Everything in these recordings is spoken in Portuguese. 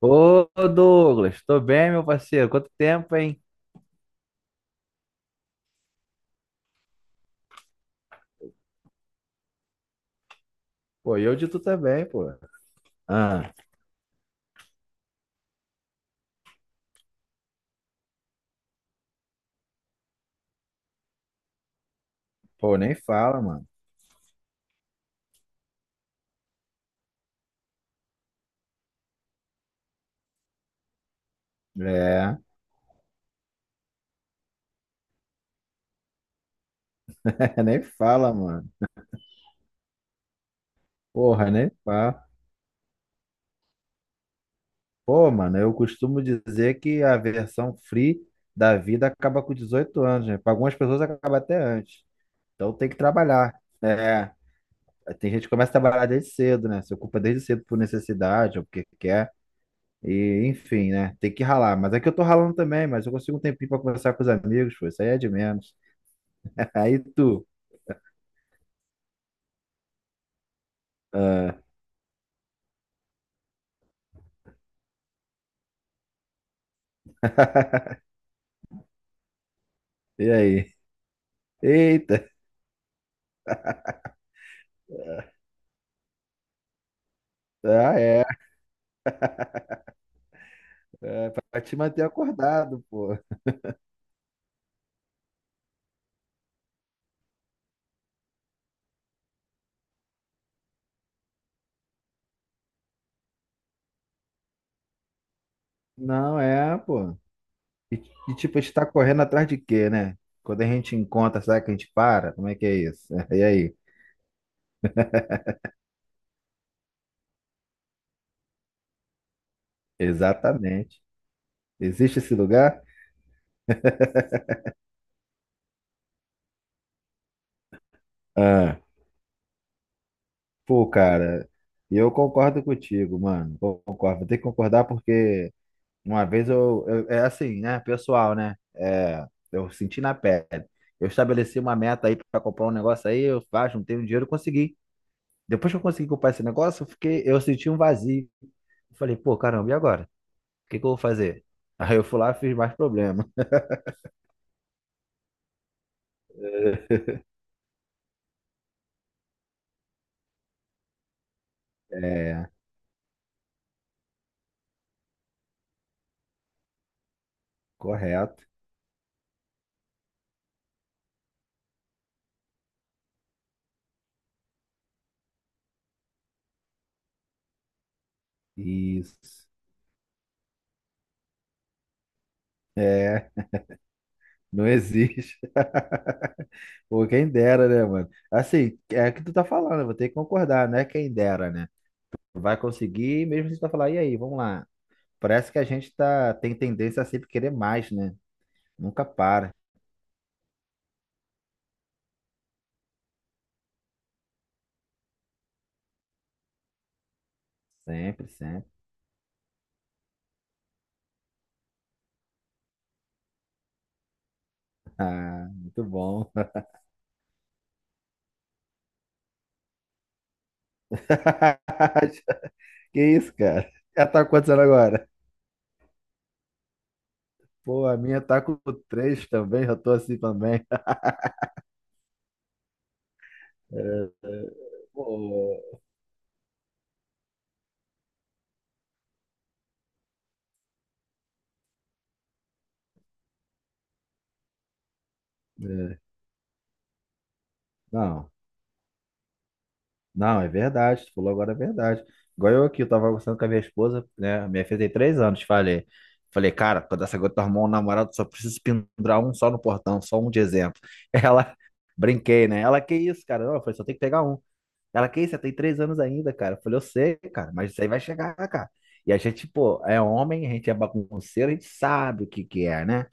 Ô, Douglas, tô bem, meu parceiro? Quanto tempo, hein? Pô, e eu de tu também, pô. Ah. Pô, nem fala, mano. É, nem fala, mano. Porra, nem fala. Pô, mano, eu costumo dizer que a versão free da vida acaba com 18 anos, né? Para algumas pessoas acaba até antes. Então tem que trabalhar. É, tem gente que começa a trabalhar desde cedo, né? Se ocupa desde cedo por necessidade ou porque quer. E, enfim, né? Tem que ralar. Mas é que eu tô ralando também, mas eu consigo um tempinho pra conversar com os amigos, pô. Isso aí é de menos. Aí tu. Ah, e aí? Eita! Ah, é. É pra te manter acordado, pô. Não é, pô. E, e, tipo, a gente tá correndo atrás de quê, né? Quando a gente encontra, será que a gente para? Como é que é isso? E aí? Exatamente. Existe esse lugar? Ah, pô, cara. Eu concordo contigo, mano. Concordo. Vou ter que concordar porque uma vez eu, é assim, né, pessoal, né? É, eu senti na pele. Eu estabeleci uma meta aí para comprar um negócio aí, eu faço, não tenho dinheiro, eu consegui. Depois que eu consegui comprar esse negócio, eu fiquei, eu senti um vazio. Eu falei, pô, caramba, e agora? O que que eu vou fazer? Aí eu fui lá e fiz mais problema. É, correto. Isso. É, não existe. Pô, quem dera, né, mano? Assim, é o que tu tá falando, eu vou ter que concordar, né? Quem dera, né? Vai conseguir, mesmo se tu falar, e aí, vamos lá. Parece que a gente tá, tem tendência a sempre querer mais, né? Nunca para. Sempre, sempre. Ah, muito bom. Que isso, cara? Já tá acontecendo agora? Pô, a minha tá com 3 também, já tô assim também. É, é, pô, é, não. Não, é verdade, tu falou agora é verdade. Igual eu aqui, eu tava conversando com a minha esposa, né? Minha filha tem 3 anos, falei. Falei, cara, quando essa gota arrumar um namorado, só preciso pendurar um só no portão, só um de exemplo. Ela, brinquei, né? Ela, que isso, cara? Não, eu falei, só tem que pegar um. Ela, que isso, você tem 3 anos ainda, cara. Eu falei, eu sei, cara, mas isso aí vai chegar, cara. E a gente, pô, é homem, a gente é bagunceiro, a gente sabe o que que é, né?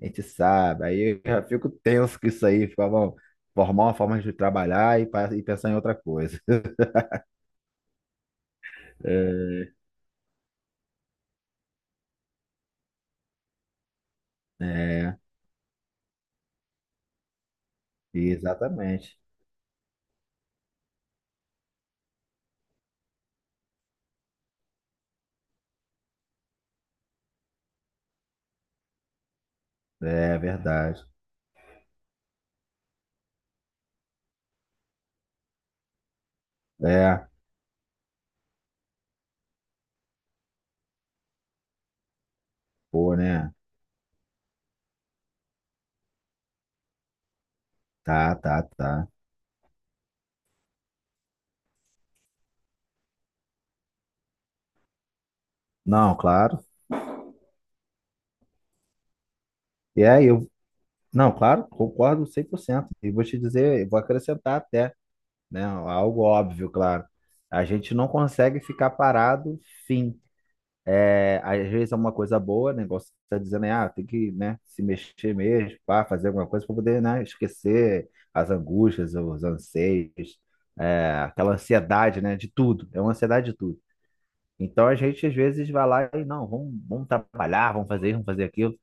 A gente sabe. Aí eu já fico tenso com isso aí, fico, "Ah, bom, formar uma forma de trabalhar e pensar em outra coisa. É, é, exatamente. É verdade. É, pô, né? Tá, tá, tá. Não, claro. E aí, eu, não, claro, concordo 100%. E vou te dizer, eu vou acrescentar até, né? Algo óbvio, claro. A gente não consegue ficar parado, fim. É, às vezes é uma coisa boa, né? Igual você está dizendo, né? Ah, tem que, né, se mexer mesmo, pá, fazer alguma coisa para poder, né, esquecer as angústias, os anseios, é, aquela ansiedade, né, de tudo. É uma ansiedade de tudo. Então a gente às vezes vai lá e não, vamos, vamos trabalhar, vamos fazer isso, vamos fazer aquilo.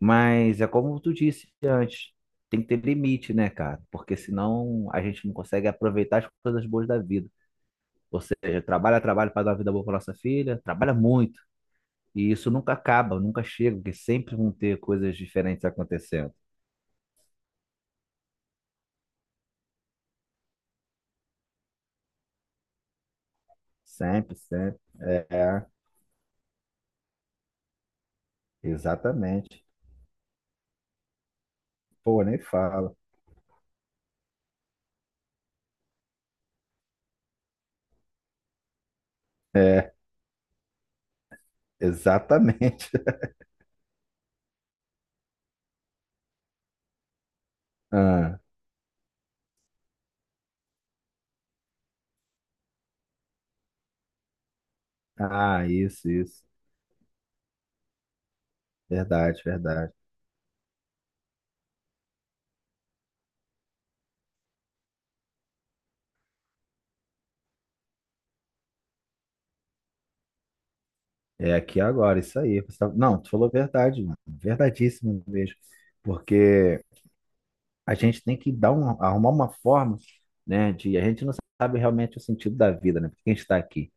Mas é como tu disse antes, tem que ter limite, né, cara? Porque senão a gente não consegue aproveitar as coisas boas da vida. Ou seja, trabalha, trabalha para dar uma vida boa para nossa filha, trabalha muito. E isso nunca acaba, nunca chega, porque sempre vão ter coisas diferentes acontecendo. Sempre, sempre. É, exatamente. Pô, nem fala. É, exatamente. Ah, ah, isso, isso. Verdade, verdade. É aqui agora, isso aí. Não, tu falou verdade, mano. Verdadíssimo mesmo. Porque a gente tem que dar um, arrumar uma forma, né, de... A gente não sabe realmente o sentido da vida, né? Por que a gente está aqui?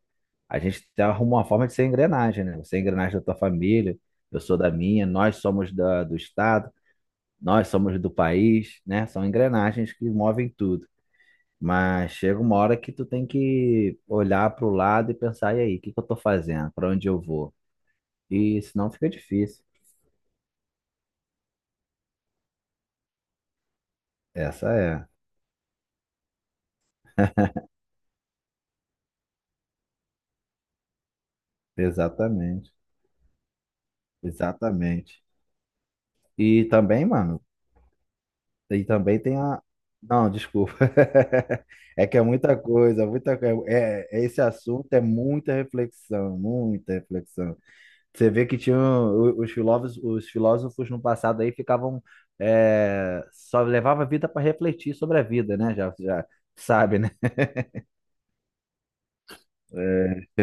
A gente arruma uma forma de ser engrenagem, né? Você é engrenagem da tua família, eu sou da minha, nós somos da, do Estado, nós somos do país, né? São engrenagens que movem tudo. Mas chega uma hora que tu tem que olhar para o lado e pensar, e aí, o que que eu tô fazendo? Para onde eu vou? E senão fica difícil. Essa é. Exatamente. Exatamente. E também, mano, e também tem a. Não, desculpa. É que é muita coisa, muita coisa. É, esse assunto é muita reflexão, muita reflexão. Você vê que tinham os filósofos no passado aí ficavam é, só levava a vida para refletir sobre a vida, né? Já, já sabe, né? É,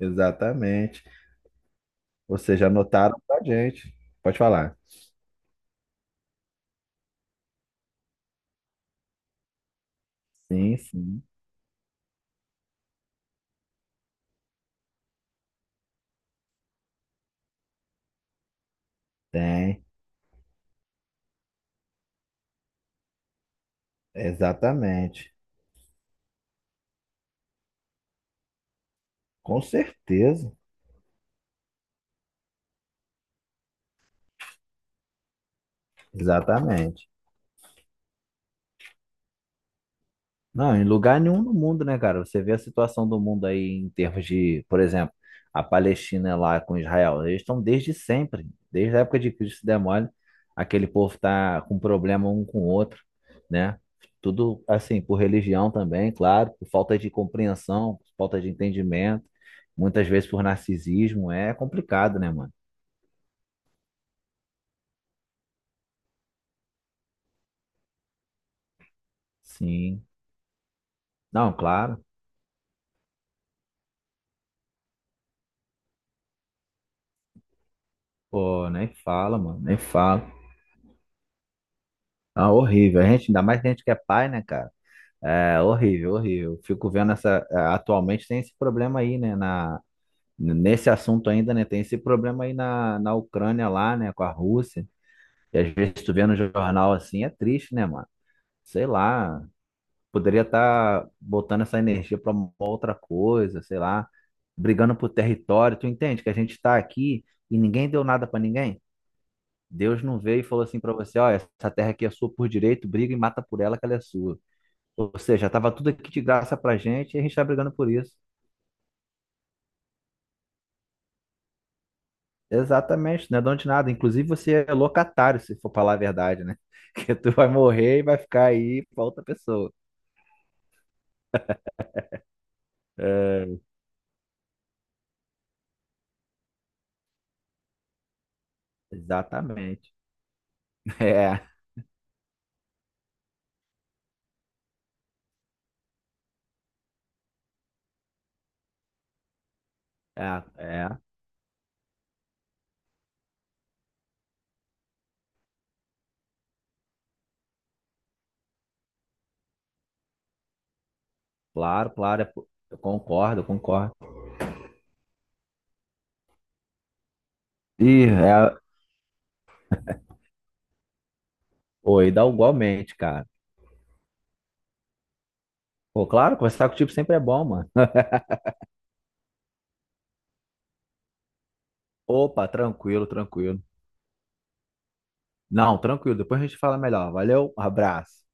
exatamente. Ou seja, anotaram pra gente. Pode falar. Sim, sim, tem. Exatamente. Com certeza. Exatamente. Não, em lugar nenhum no mundo, né, cara? Você vê a situação do mundo aí em termos de, por exemplo, a Palestina é lá com Israel. Eles estão desde sempre, desde a época de Cristo, se der mole, aquele povo tá com problema um com o outro, né? Tudo assim, por religião também, claro, por falta de compreensão, por falta de entendimento, muitas vezes por narcisismo, é complicado, né, mano? Sim. Não, claro. Pô, nem fala, mano, nem fala. Ah, horrível. A gente, ainda mais que a gente que é pai, né, cara? É horrível, horrível. Fico vendo essa. Atualmente tem esse problema aí, né? Nesse assunto ainda, né? Tem esse problema aí na Ucrânia lá, né? Com a Rússia. E às vezes tu vê no jornal assim, é triste, né, mano? Sei lá. Poderia estar botando essa energia para uma outra coisa, sei lá. Brigando por território. Tu entende que a gente tá aqui e ninguém deu nada para ninguém? Deus não veio e falou assim para você: ó, essa terra aqui é sua por direito, briga e mata por ela que ela é sua. Ou seja, estava tudo aqui de graça pra gente e a gente está brigando por isso. Exatamente, não é dono de nada. Inclusive, você é locatário, se for falar a verdade, né? Que tu vai morrer e vai ficar aí pra outra pessoa. É, exatamente. É, é, é. Claro, claro. Eu concordo, eu concordo. Ih, é. Oi, dá igualmente, cara. Pô, claro, conversar contigo sempre é bom, mano. Opa, tranquilo, tranquilo. Não, tranquilo. Depois a gente fala melhor. Valeu, abraço.